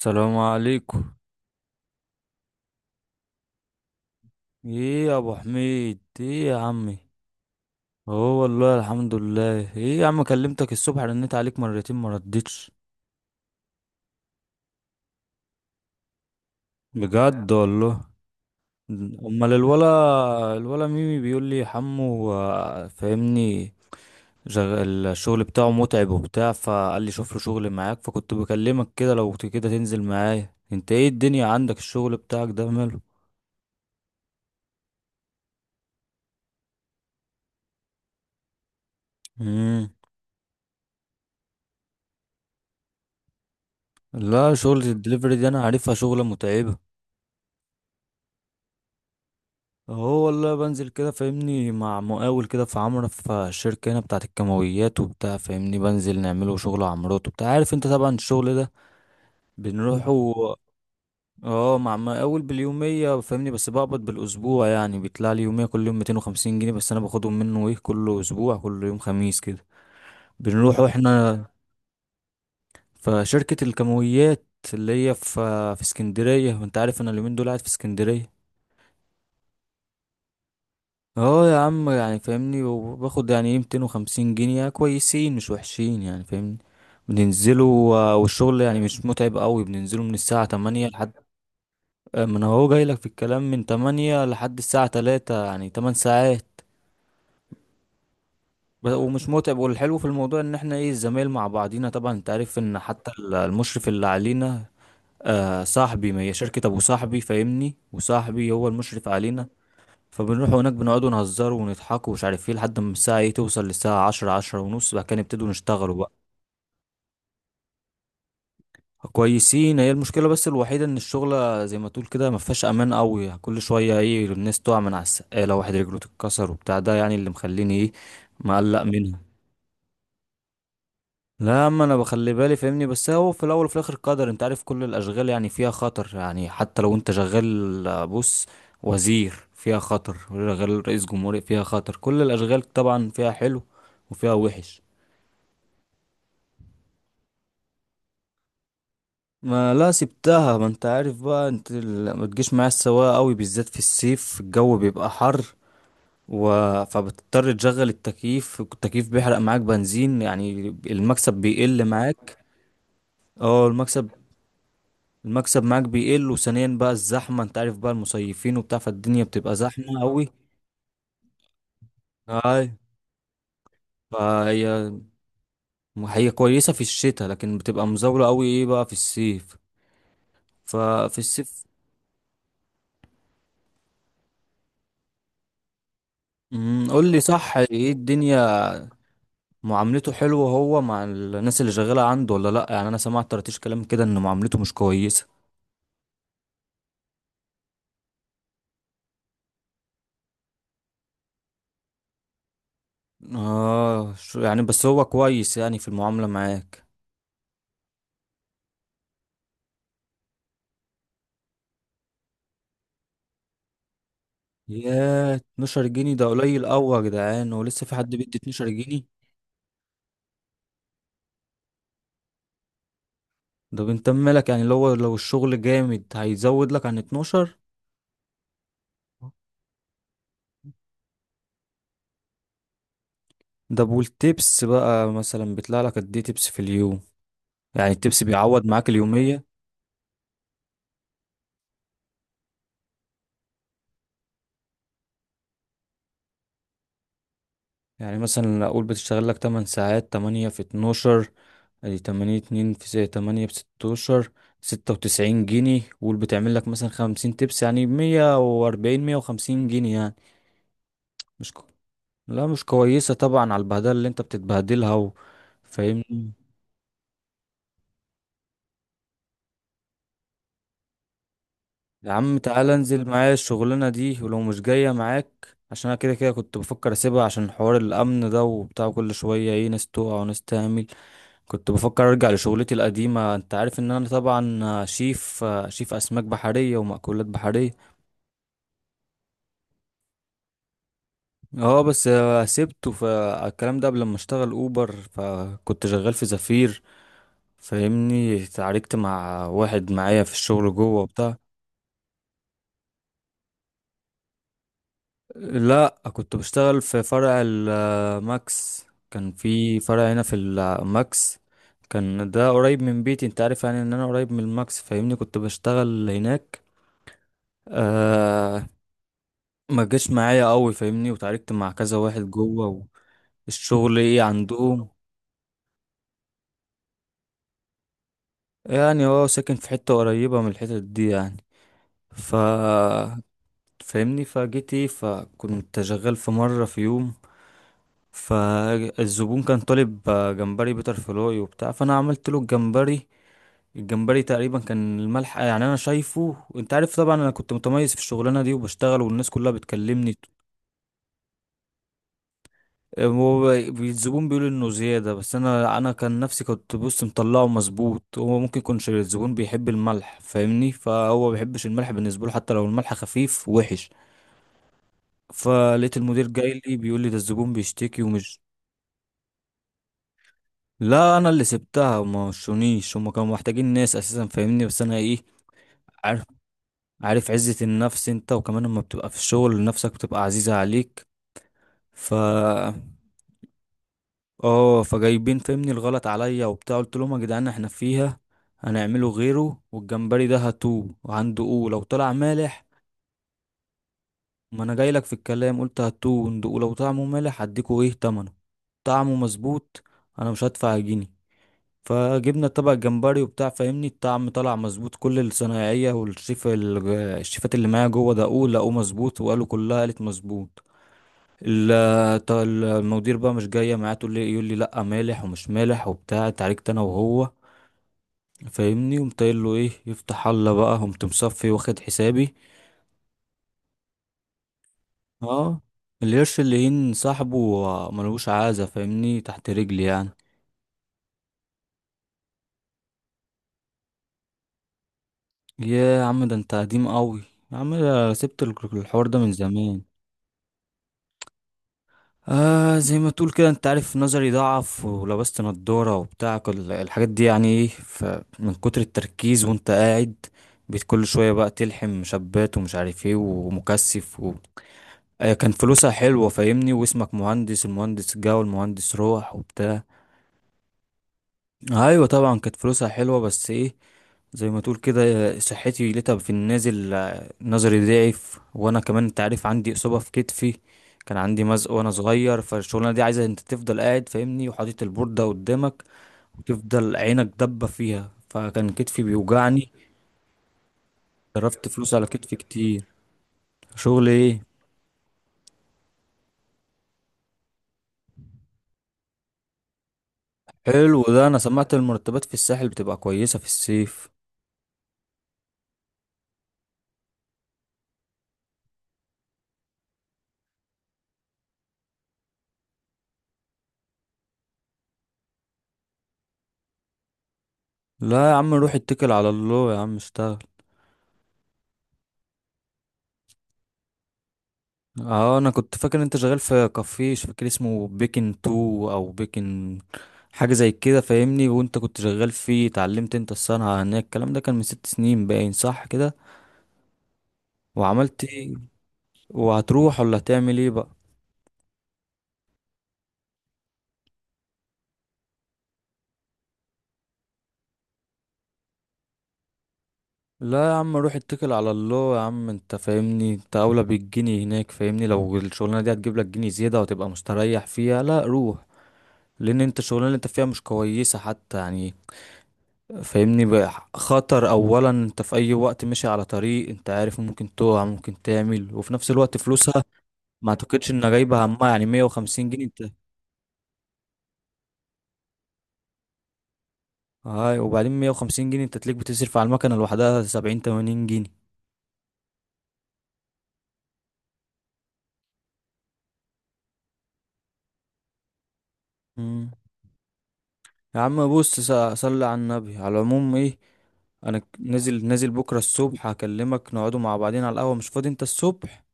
السلام عليكم. ايه يا ابو حميد، ايه يا عمي؟ هو والله الحمد لله. ايه يا عم، كلمتك الصبح، رنيت عليك مرتين ما ردتش. بجد والله. امال الولا؟ الولا ميمي بيقول لي حمو فاهمني. الشغل بتاعه متعب وبتاع، فقال لي شوف له شغل معاك. فكنت بكلمك كده، لو كده تنزل معايا. انت ايه الدنيا عندك؟ الشغل بتاعك ده ماله؟ امم لا، شغلة الدليفري دي انا عارفها شغلة متعبة. هو والله بنزل كده فاهمني مع مقاول كده في عمرة في الشركة هنا بتاعة الكيماويات وبتاع، فاهمني بنزل نعمله شغل عمارات وبتاع، عارف انت طبعا الشغل ده بنروحه. اه، مع مقاول باليومية فاهمني، بس بقبض بالأسبوع. يعني بيطلع لي يومية كل يوم 250 جنيه، بس أنا باخدهم منه ايه، كل أسبوع كل يوم خميس كده بنروح احنا. في شركة الكيماويات اللي هي في، في اسكندرية. وانت عارف انا اليومين دول قاعد في اسكندرية. اه يا عم يعني فاهمني، وباخد يعني ايه 250 جنيه كويسين، مش وحشين يعني فاهمني. بننزلوا والشغل يعني مش متعب قوي، بننزله من الساعة 8 لحد، ما انا هو جاي لك في الكلام، من 8 لحد الساعة 3، يعني 8 ساعات. ومش متعب. والحلو في الموضوع ان احنا ايه، الزمايل مع بعضينا طبعا. انت عارف ان حتى المشرف اللي علينا آه صاحبي، ما هي شركة ابو صاحبي فاهمني، وصاحبي هو المشرف علينا. فبنروح هناك بنقعد ونهزر ونضحك ومش عارف ايه، لحد ما الساعة ايه توصل للساعة عشرة، عشرة ونص، بعد كده نبتدوا نشتغلوا بقى. كويسين، هي المشكلة بس الوحيدة ان الشغلة زي ما تقول كده ما فيهاش امان قوي. كل شوية ايه، الناس تقع من على السقالة، واحد رجله تتكسر وبتاع، ده يعني اللي مخليني ايه مقلق منها. لا يا عم انا بخلي بالي فاهمني، بس هو في الاول وفي الاخر قدر، انت عارف كل الاشغال يعني فيها خطر. يعني حتى لو انت شغال بص، وزير فيها خطر، شغال رئيس جمهورية فيها خطر، كل الاشغال طبعا فيها حلو وفيها وحش. ما لا، سبتها. ما انت عارف بقى انت ما تجيش معايا السواقة قوي، بالذات في الصيف الجو بيبقى حر و... فبتضطر تشغل التكييف، التكييف بيحرق معاك بنزين يعني، المكسب بيقل معاك. اه المكسب، المكسب معاك بيقل. وثانيا بقى الزحمة، انت عارف بقى المصيفين وبتاع، فالدنيا بتبقى زحمة قوي. اي. فهي هي كويسة في الشتاء، لكن بتبقى مزاولة قوي ايه بقى في الصيف. ففي الصيف قول لي صح، ايه الدنيا؟ معاملته حلوة هو مع الناس اللي شغالة عنده ولا لا؟ يعني انا سمعت ترتيش كلام كده ان معاملته مش كويسة. اه يعني بس هو كويس يعني في المعاملة معاك؟ ياه، 12 جنيه ده قليل قوي يا جدعان، ولسه في حد بيدي 12 جنيه؟ ده بنت مالك، يعني لو الشغل جامد هيزود لك عن 12. ده والتبس بقى مثلا بيطلع لك قد ايه تبس في اليوم؟ يعني التبس بيعوض معاك اليومية. يعني مثلا اقول بتشتغل لك 8 ساعات، 8 في 12، ادي 8، 2 في 8 ب 16، 96 جنيه. قول بتعمل لك مثلا 50 تبس، يعني 140، 150 جنيه يعني. مش كو... لا، مش كويسة طبعا على البهدلة اللي انت بتتبهدلها فاهمني. يا عم تعالى انزل معايا الشغلانة دي، ولو مش جاية معاك، عشان انا كده كده كنت بفكر اسيبها، عشان حوار الامن ده وبتاع، كل شوية ايه ناس تقع وناس تعمل. كنت بفكر ارجع لشغلتي القديمة، انت عارف ان انا طبعا شيف، شيف اسماك بحرية ومأكولات بحرية. اه بس سبته، فالكلام ده قبل ما اشتغل اوبر، فكنت شغال في زفير فاهمني، اتعاركت مع واحد معايا في الشغل جوه وبتاع. لا كنت بشتغل في فرع الماكس، كان في فرع هنا في الماكس، كان ده قريب من بيتي. انت عارف يعني ان انا قريب من الماكس فاهمني، كنت بشتغل هناك. آه، ما جاش معايا قوي فاهمني، وتعاركت مع كذا واحد جوه، والشغل ايه عندهم. يعني هو ساكن في حتة قريبة من الحتت دي يعني، ف فاهمني، فجيت ايه، فكنت شغال في مرة في يوم، فالزبون كان طالب جمبري بيتر فلوي وبتاع، فانا عملت له الجمبري. الجمبري تقريبا كان الملح يعني انا شايفه، انت عارف طبعا انا كنت متميز في الشغلانه دي، وبشتغل والناس كلها بتكلمني. هو الزبون بيقول انه زياده، بس انا كان نفسي كنت بص مطلعه مظبوط. هو ممكن يكونش الزبون بيحب الملح فاهمني، فهو بيحبش الملح، بالنسبه له حتى لو الملح خفيف وحش. فلقيت المدير جاي لي بيقول لي، ده الزبون بيشتكي ومش. لا انا اللي سبتها، وما وشونيش، هما كانوا محتاجين ناس اساسا فاهمني، بس انا ايه، عارف، عارف عزة النفس انت، وكمان لما بتبقى في الشغل نفسك بتبقى عزيزة عليك. ف اه، فجايبين فاهمني الغلط عليا وبتاع، قلت لهم يا جدعان احنا فيها، هنعمله غيره، والجمبري ده هاتوه، وعنده قو لو طلع مالح. ما انا جاي لك في الكلام، قلت هاتوه وندقوه، لو طعمه مالح هديكوا ايه تمنه، طعمه مظبوط انا مش هدفع جنيه. فجبنا طبق جمبري وبتاع فاهمني، الطعم طلع مظبوط، كل الصنايعية والشيف، الشيفات اللي معايا جوه دقوه، لقوه مظبوط، وقالوا كلها قالت مظبوط. المدير بقى مش جاية معاه، تقول لي إيه؟ يقول لي لا مالح ومش مالح وبتاع، اتعاركت انا وهو فاهمني، قمت قايل له ايه، يفتح الله بقى، قمت مصفي واخد حسابي. اه، القرش اللي هين صاحبه ملوش عازة فاهمني، تحت رجلي يعني. يا عم ده انت قديم قوي، يا عم ده سبت الحوار ده من زمان. آه، زي ما تقول كده، انت عارف نظري ضعف، ولبست نضارة وبتاع كل الحاجات دي يعني ايه، فمن كتر التركيز وانت قاعد، بقيت كل شوية بقى تلحم مشبات ومش عارف ايه ومكثف آه كان فلوسها حلوة فاهمني، واسمك مهندس، المهندس جه والمهندس روح وبتاع. ايوه طبعا كانت فلوسها حلوة، بس ايه، زي ما تقول كده، صحتي لقيتها في النازل. نظري ضعف، وانا كمان انت عارف عندي اصابه في كتفي، كان عندي مزق وانا صغير. فالشغلانه دي عايزه انت تفضل قاعد فاهمني، وحاطط البورده قدامك، وتفضل عينك دبه فيها، فكان كتفي بيوجعني، صرفت فلوس على كتفي كتير. شغل ايه؟ حلو، ده انا سمعت المرتبات في الساحل بتبقى كويسه في الصيف. لا يا عم روح اتكل على الله يا عم، اشتغل. اه، انا كنت فاكر انت شغال في كافيه، مش فاكر اسمه، بيكن تو او بيكن، حاجه زي كده فاهمني، وانت كنت شغال فيه، اتعلمت انت الصنعه هناك، الكلام ده كان من ست سنين باين، صح كده؟ وعملت ايه؟ وهتروح ولا هتعمل ايه بقى؟ لا يا عم روح اتكل على الله يا عم، انت فاهمني انت اولى بالجنيه هناك فاهمني، لو الشغلانه دي هتجيب لك جنيه زياده وتبقى مستريح فيها، لا روح. لان انت الشغلانه اللي انت فيها مش كويسه حتى يعني، فاهمني بقى خطر، اولا انت في اي وقت ماشي على طريق انت عارف ممكن تقع ممكن تعمل، وفي نفس الوقت فلوسها ما اعتقدش انها جايبه همها، يعني 150 جنيه انت، هاي، وبعدين 150 جنيه انت تلاقيك بتصرف على المكنه لوحدها 70، 80 جنيه. مم. يا عم بص، صلي على النبي، على العموم ايه، انا نازل، نازل بكره الصبح هكلمك، نقعدوا مع بعضين على القهوه، مش فاضي انت الصبح؟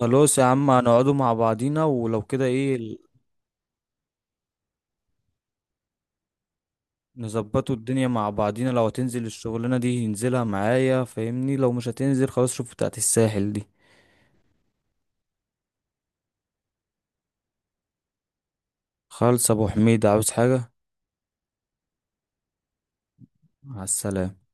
خلاص يا عم هنقعدوا مع بعضينا، ولو كده ايه نظبطوا الدنيا مع بعضينا، لو هتنزل الشغلانة دي ينزلها معايا فاهمني، لو مش هتنزل خلاص شوف بتاعت الساحل دي. خالص ابو حميد، عاوز حاجة؟ على السلامة.